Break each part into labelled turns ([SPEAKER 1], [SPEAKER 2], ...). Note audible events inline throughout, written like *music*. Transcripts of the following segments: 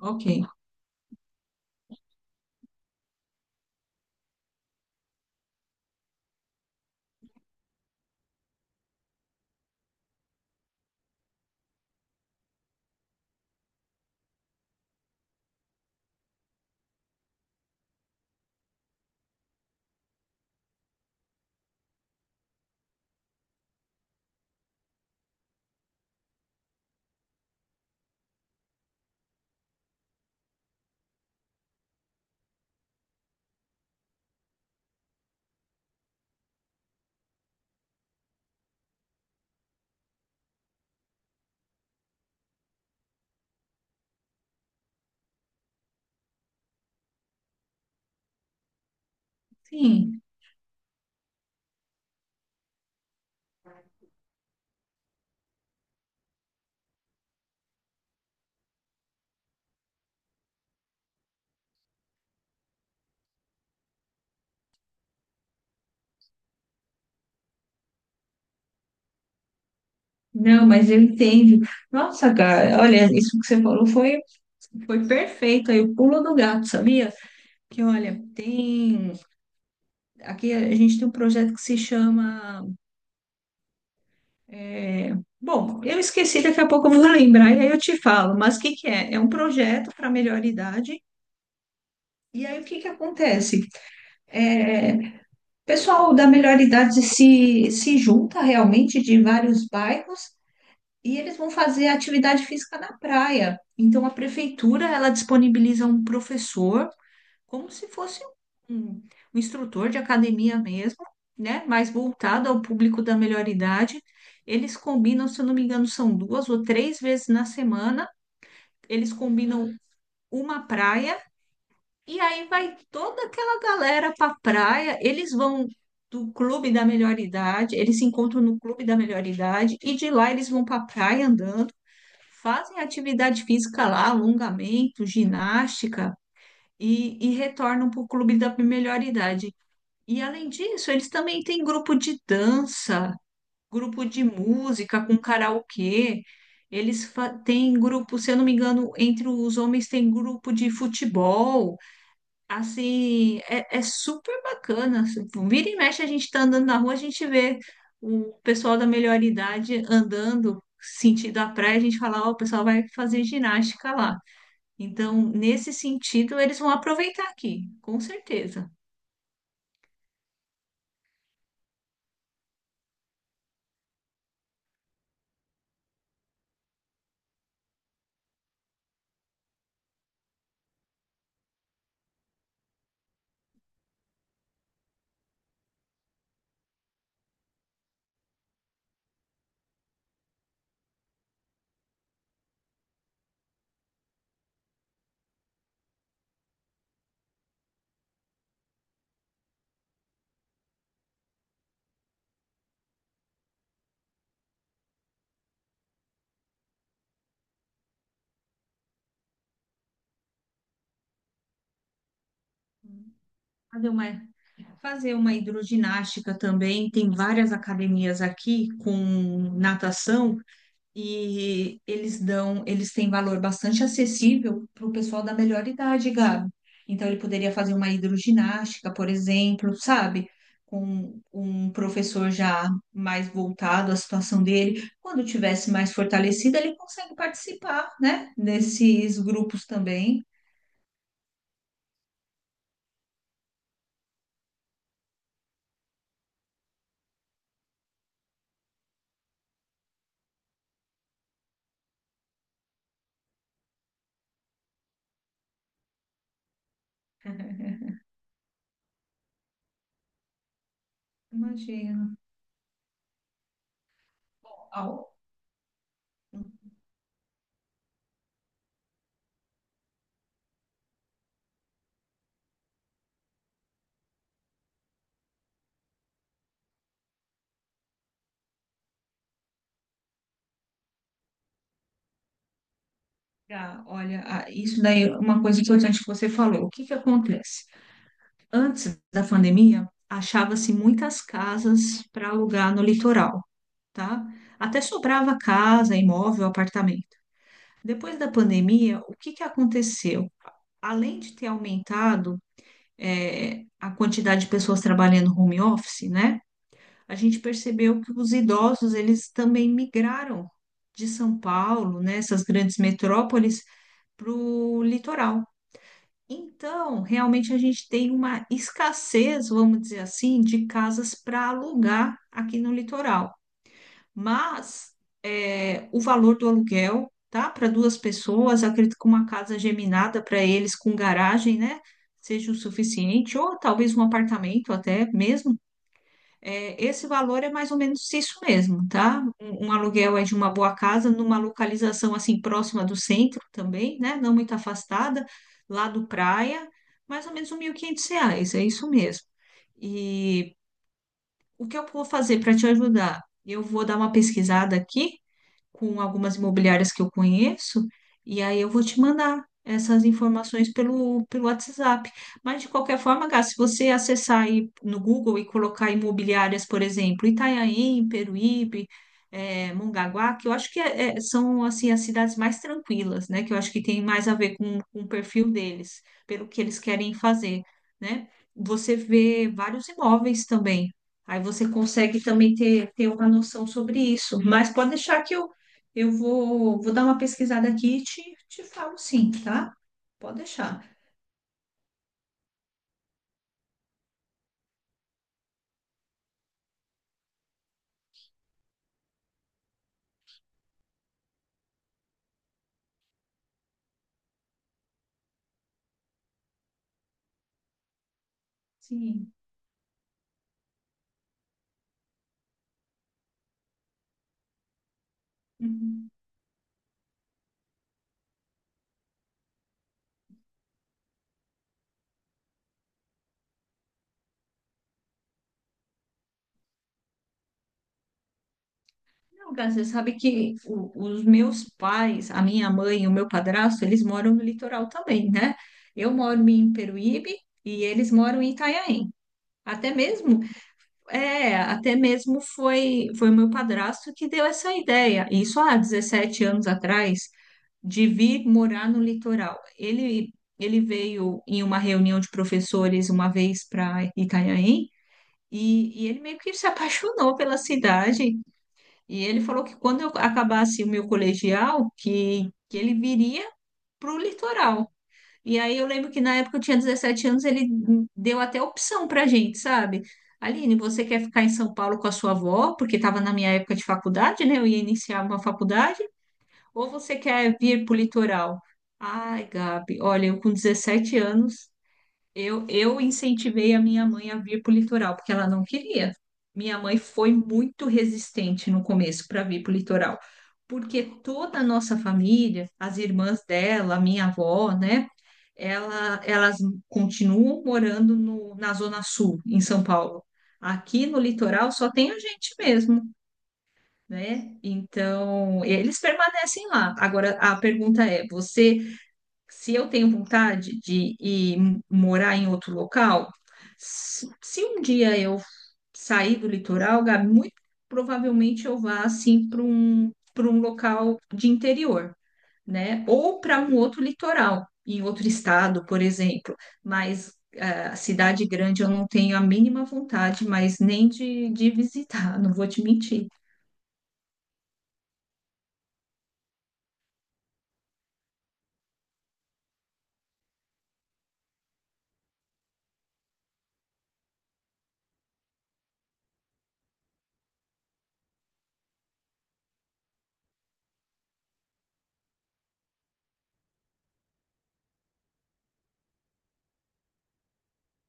[SPEAKER 1] Ok, sim. Não, mas eu entendo. Nossa, cara, olha, isso que você foi perfeito. Aí o pulo do gato, sabia? Que olha, tem. Aqui a gente tem um projeto que se chama. é, Bom, eu esqueci, daqui a pouco eu vou lembrar e aí eu te falo. Mas o que que é? É um projeto para melhor idade. E aí o que que acontece? É, o pessoal da melhor idade se junta realmente de vários bairros. E eles vão fazer atividade física na praia. Então a prefeitura ela disponibiliza um professor como se fosse um, um instrutor de academia mesmo, né? Mais voltado ao público da melhor idade. Eles combinam, se eu não me engano, são duas ou três vezes na semana. Eles combinam uma praia e aí vai toda aquela galera para praia. Eles vão do clube da melhor idade, eles se encontram no clube da melhor idade e de lá eles vão para praia andando, fazem atividade física lá, alongamento, ginástica e retornam para o clube da melhor idade. E além disso, eles também têm grupo de dança, grupo de música com karaokê. Têm grupo, se eu não me engano, entre os homens tem grupo de futebol. Assim, é, é super bacana. Assim, tipo, vira e mexe, a gente tá andando na rua, a gente vê o pessoal da melhor idade andando sentido à praia, a gente fala, ó, o pessoal vai fazer ginástica lá. Então, nesse sentido, eles vão aproveitar aqui, com certeza. Fazer uma, fazer uma hidroginástica também, tem várias academias aqui com natação. E eles dão, eles têm valor bastante acessível para o pessoal da melhor idade, Gabi. Então ele poderia fazer uma hidroginástica, por exemplo, sabe? Com um professor já mais voltado à situação dele. Quando tivesse mais fortalecido, ele consegue participar, né? Desses grupos também. *laughs* Imagina. Ao- Ah, olha, isso daí é uma coisa importante que você falou. O que que acontece? Antes da pandemia, achava-se muitas casas para alugar no litoral, tá? Até sobrava casa, imóvel, apartamento. Depois da pandemia, o que que aconteceu? Além de ter aumentado, a quantidade de pessoas trabalhando home office, né? A gente percebeu que os idosos, eles também migraram de São Paulo, né, essas grandes metrópoles, para o litoral. Então, realmente a gente tem uma escassez, vamos dizer assim, de casas para alugar aqui no litoral. Mas é, o valor do aluguel, tá? Para duas pessoas, acredito que uma casa geminada para eles com garagem, né? Seja o suficiente, ou talvez um apartamento até mesmo. É, esse valor é mais ou menos isso mesmo, tá? Um aluguel é de uma boa casa, numa localização assim próxima do centro também, né? Não muito afastada, lá do praia, mais ou menos R$ 1.500, é isso mesmo. E o que eu vou fazer para te ajudar? Eu vou dar uma pesquisada aqui com algumas imobiliárias que eu conheço, e aí eu vou te mandar essas informações pelo WhatsApp. Mas de qualquer forma, Gá, se você acessar aí no Google e colocar imobiliárias, por exemplo, Itanhaém, Peruíbe, Mongaguá, que eu acho são assim as cidades mais tranquilas, né? Que eu acho que tem mais a ver com o perfil deles, pelo que eles querem fazer, né? Você vê vários imóveis também. Aí você consegue também ter uma noção sobre isso. Mas pode deixar que eu vou dar uma pesquisada aqui e te falo sim, tá? Pode deixar. Sim. Uhum. Não, Gás, você sabe que os meus pais, a minha mãe e o meu padrasto, eles moram no litoral também, né? Eu moro em Peruíbe e eles moram em Itanhaém. Até mesmo, é, até mesmo foi o meu padrasto que deu essa ideia. Isso há 17 anos atrás, de vir morar no litoral. Ele veio em uma reunião de professores uma vez para Itanhaém e ele meio que se apaixonou pela cidade. E ele falou que quando eu acabasse o meu colegial, que ele viria para o litoral. E aí eu lembro que na época eu tinha 17 anos, ele deu até opção para gente, sabe? Aline, você quer ficar em São Paulo com a sua avó? Porque estava na minha época de faculdade, né? Eu ia iniciar uma faculdade. Ou você quer vir para o litoral? Ai, Gabi, olha, eu com 17 anos, eu incentivei a minha mãe a vir para o litoral, porque ela não queria. Minha mãe foi muito resistente no começo para vir para o litoral, porque toda a nossa família, as irmãs dela, a minha avó, né? Elas continuam morando no, na Zona Sul, em São Paulo. Aqui no litoral só tem a gente mesmo, né? Então, eles permanecem lá. Agora, a pergunta é: se eu tenho vontade de ir morar em outro local, se um dia eu sair do litoral, Gabi, muito provavelmente eu vá assim para para um local de interior, né? Ou para um outro litoral, em outro estado, por exemplo. Mas ah, cidade grande eu não tenho a mínima vontade, mas nem de visitar, *laughs* não vou te mentir.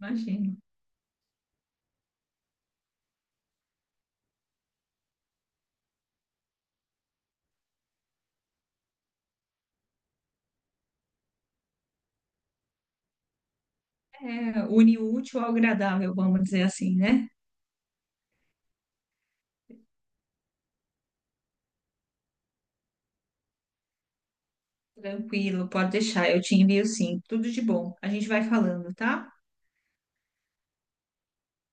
[SPEAKER 1] Imagina. É, une o útil ao agradável, vamos dizer assim, né? Tranquilo, pode deixar, eu te envio sim, tudo de bom. A gente vai falando, tá?